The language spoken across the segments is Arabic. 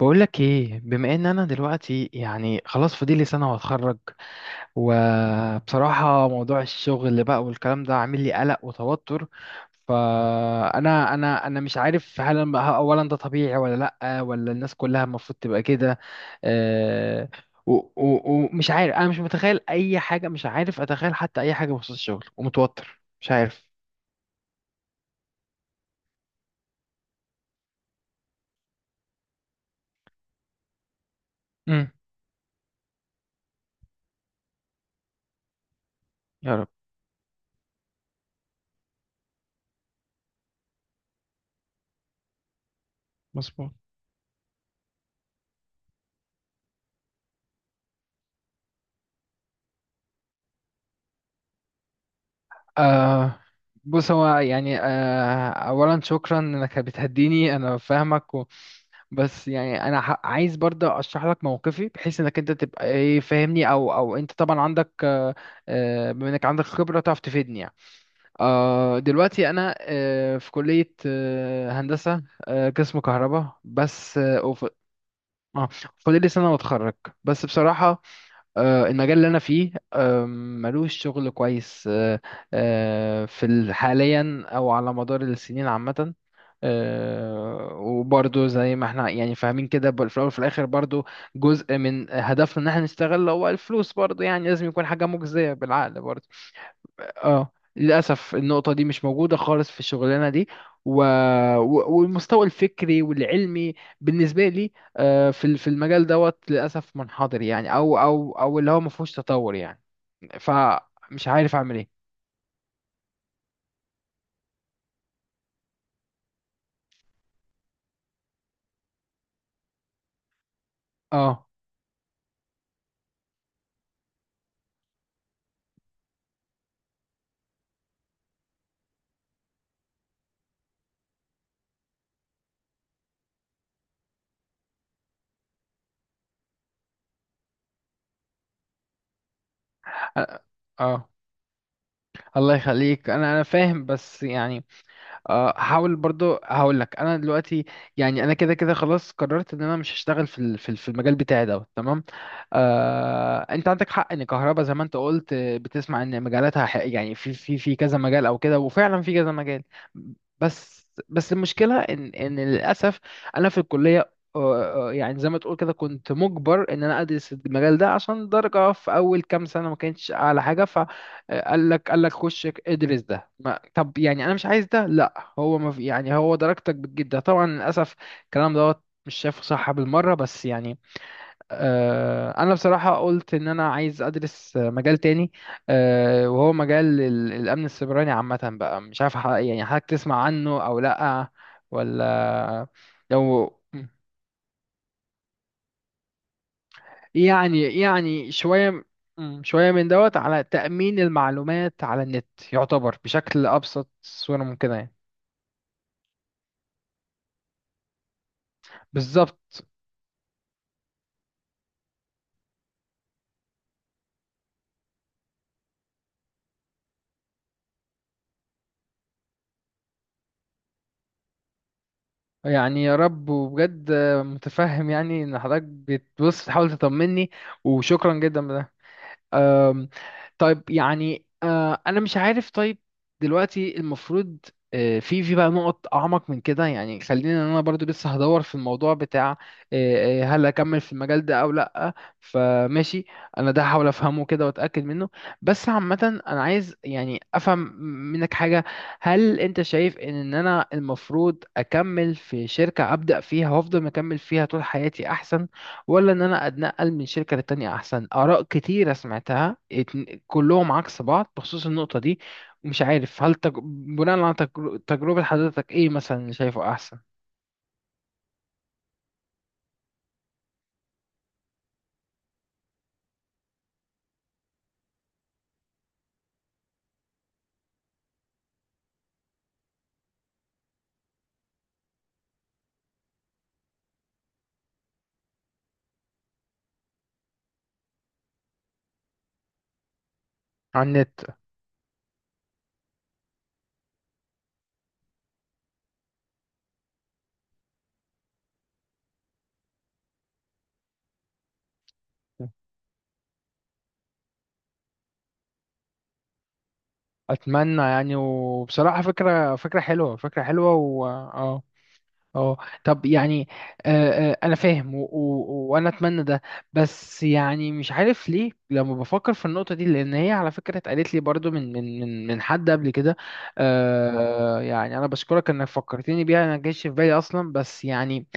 بقولك ايه، بما ان انا دلوقتي يعني خلاص فاضلي سنة واتخرج. وبصراحة، موضوع الشغل اللي بقى والكلام ده عامل لي قلق وتوتر. فانا انا انا مش عارف، هل اولا ده طبيعي ولا لا، ولا الناس كلها المفروض تبقى كده؟ آه، ومش عارف، انا مش متخيل اي حاجة، مش عارف اتخيل حتى اي حاجة بخصوص الشغل، ومتوتر، مش عارف. امم يا رب. مظبوط. آه. بص، هو يعني أولا شكرا إنك بتهديني، أنا فاهمك، بس يعني أنا عايز برضه أشرح لك موقفي، بحيث إنك أنت تبقى إيه فاهمني، أو أنت طبعا، عندك بما إنك عندك خبرة تعرف تفيدني يعني. دلوقتي أنا في كلية هندسة، قسم كهرباء بس، آه. فاضل لي سنة وأتخرج، بس بصراحة المجال اللي انا فيه، ملوش شغل كويس، في حاليا او على مدار السنين عامه. وبرضو زي ما احنا يعني فاهمين كده، في الاول وفي الاخر برضو، جزء من هدفنا ان احنا نشتغل هو الفلوس، برضو يعني لازم يكون حاجه مجزيه بالعقل برضو. اه للأسف النقطة دي مش موجودة خالص في الشغلانة دي، و... و- والمستوى الفكري والعلمي بالنسبة لي، في في المجال دوت للأسف منحدر يعني، أو اللي هو ما فيهوش تطور يعني. فمش عارف أعمل إيه. اه، اه. آه. الله يخليك، أنا فاهم، بس يعني هحاول برضو، هقول لك انا دلوقتي، يعني انا كده كده خلاص قررت ان انا مش هشتغل في في المجال بتاعي دوت، تمام. انت عندك حق ان كهرباء، زي ما انت قلت، بتسمع ان مجالاتها، يعني في كذا مجال او كده، وفعلا في كذا مجال. بس بس المشكله ان للاسف انا في الكليه، يعني زي ما تقول كده، كنت مجبر ان انا ادرس المجال ده، عشان درجه في اول كام سنه ما كانتش اعلى حاجه. قال لك قال لك خش ادرس ده، ما طب يعني انا مش عايز ده، لا هو ما في يعني، هو درجتك بتجيب ده طبعا للاسف. الكلام دوت مش شايفه صح بالمره، بس يعني انا بصراحه قلت ان انا عايز ادرس مجال تاني. وهو مجال الامن السيبراني عامه بقى، مش عارف يعني حضرتك تسمع عنه او لا؟ ولا؟ لو. يعني شوية. شوية من دوت، على تأمين المعلومات على النت، يعتبر بشكل أبسط صورة ممكنة يعني. بالظبط. يعني يا رب، وبجد متفهم يعني، إن حضرتك بتبص تحاول تطمني، وشكرا جدا. أم، طيب يعني انا مش عارف. طيب دلوقتي المفروض في بقى نقط اعمق من كده، يعني خلينا إن انا برضو لسه هدور في الموضوع بتاع أه، أه، هل اكمل في المجال ده او لا. فماشي، انا ده هحاول افهمه كده واتاكد منه، بس عامه انا عايز يعني افهم منك حاجه. هل انت شايف ان انا المفروض اكمل في شركه ابدا فيها وافضل مكمل فيها طول حياتي احسن، ولا ان انا اتنقل من شركه للتانيه احسن؟ اراء كتيره سمعتها، كلهم عكس بعض بخصوص النقطه دي. مش عارف، هل بناء على تجربه حضرتك ايه مثلا اللي شايفه احسن؟ على النت. اتمنى يعني، وبصراحه فكره حلوه، فكره حلوه، اه. اه طب يعني انا فاهم، وانا اتمنى ده، بس يعني مش عارف ليه لما بفكر في النقطه دي، لان هي على فكره اتقالت لي برضو من حد قبل كده. يعني انا بشكرك انك فكرتني بيها، انا ما جاش في بالي اصلا، بس يعني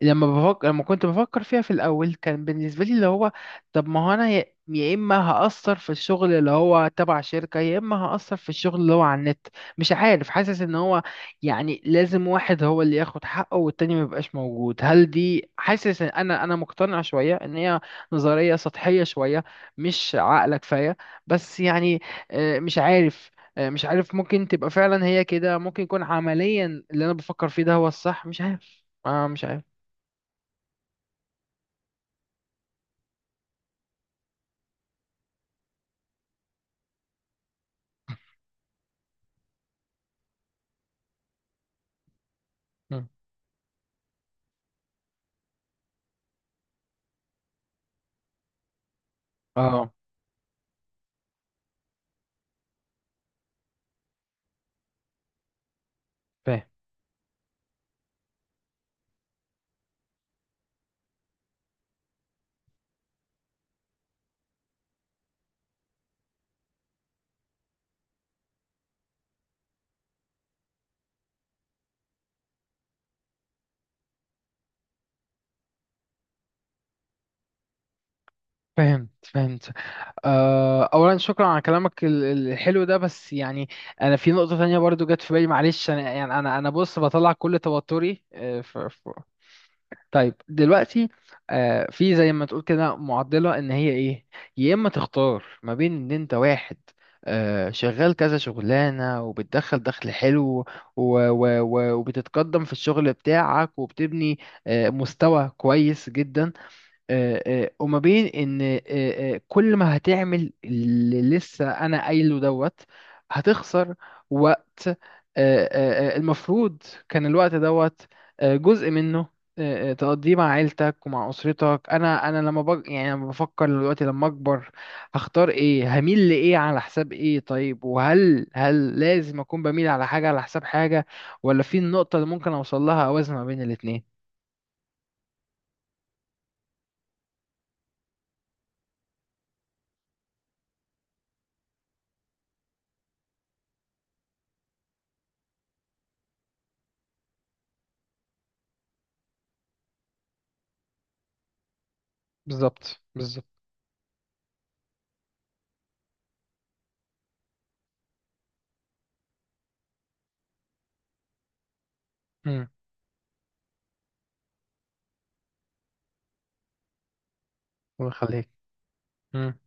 لما كنت بفكر فيها في الاول، كان بالنسبه لي اللي هو، طب ما هو انا، يا اما هاثر في الشغل اللي هو تبع شركه، يا اما هاثر في الشغل اللي هو على النت. مش عارف، حاسس ان هو يعني لازم واحد هو اللي ياخد حقه والتاني ما يبقاش موجود. هل دي؟ حاسس ان انا مقتنع شويه ان هي نظريه سطحيه شويه، مش عاقله كفايه، بس يعني مش عارف، مش عارف، ممكن تبقى فعلا هي كده، ممكن يكون عمليا اللي انا بفكر فيه ده هو الصح، مش عارف. مش عارف. مم. اه. فاهم. فهمت فهمت. اولا شكرا على كلامك الحلو ده، بس يعني انا في نقطة تانية برضو جت في بالي، معلش، انا يعني انا بص بطلع كل توتري، طيب دلوقتي في زي ما تقول كده معضلة، ان هي ايه، يا اما تختار ما بين ان انت واحد شغال كذا شغلانة وبتدخل دخل حلو، و... وبتتقدم في الشغل بتاعك، وبتبني مستوى كويس جدا، وما بين ان كل ما هتعمل اللي لسه انا قايله دوت، هتخسر وقت، المفروض كان الوقت دوت جزء منه، تقضيه مع عيلتك ومع اسرتك. انا، لما يعني لما بفكر دلوقتي لما اكبر، هختار ايه، هميل لايه على حساب ايه؟ طيب، وهل لازم اكون بميل على حاجه على حساب حاجه، ولا في النقطه اللي ممكن اوصل لها اوازن ما بين الاتنين؟ بالظبط، بالظبط. امم الله يخليك. مم.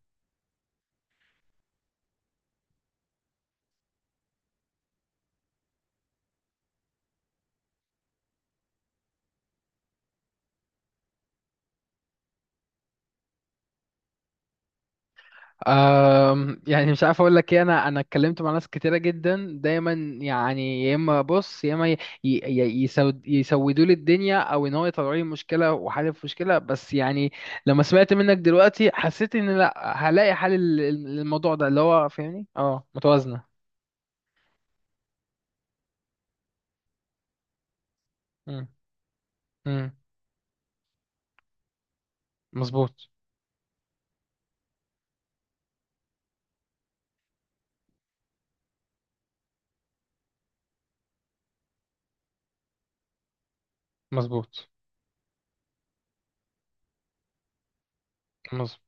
يعني مش عارف اقول لك ايه، انا اتكلمت مع ناس كتيره جدا دايما، يعني يا اما بص، يا اما ي- ي- ي- يسود يسودوا لي الدنيا، او ان هو يطلعوا لي مشكله وحل في مشكله، بس يعني لما سمعت منك دلوقتي، حسيت ان لا، هلاقي حل للموضوع ده اللي هو فاهمني، متوازنه. مم. مم. مظبوط. مظبوط. مظبوط.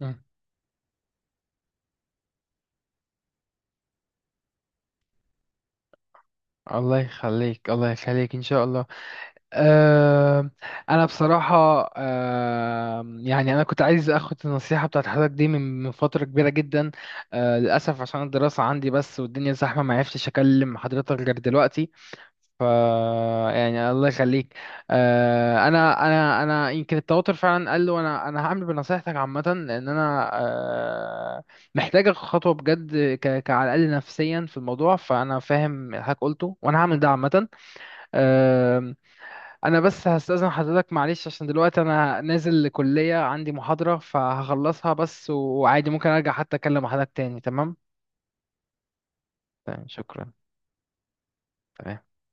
مم. الله يخليك، الله يخليك، ان شاء الله. آه، انا بصراحه يعني انا كنت عايز اخد النصيحه بتاعت حضرتك دي من فتره كبيره جدا، للاسف عشان الدراسه عندي بس والدنيا زحمه، ما عرفتش اكلم حضرتك غير دلوقتي. يعني الله يخليك، انا يمكن التوتر فعلا قل، وانا هعمل بنصيحتك عامه، لان انا آه، محتاج اخد خطوه بجد، على الاقل نفسيا في الموضوع، فانا فاهم اللي حضرتك قلته، وانا هعمل ده عامه. آه، انا بس هستأذن حضرتك معلش، عشان دلوقتي انا نازل لكلية عندي محاضرة، فهخلصها بس، وعادي ممكن ارجع حتى اكلم حضرتك تاني، تمام؟ تمام، شكرا. تمام.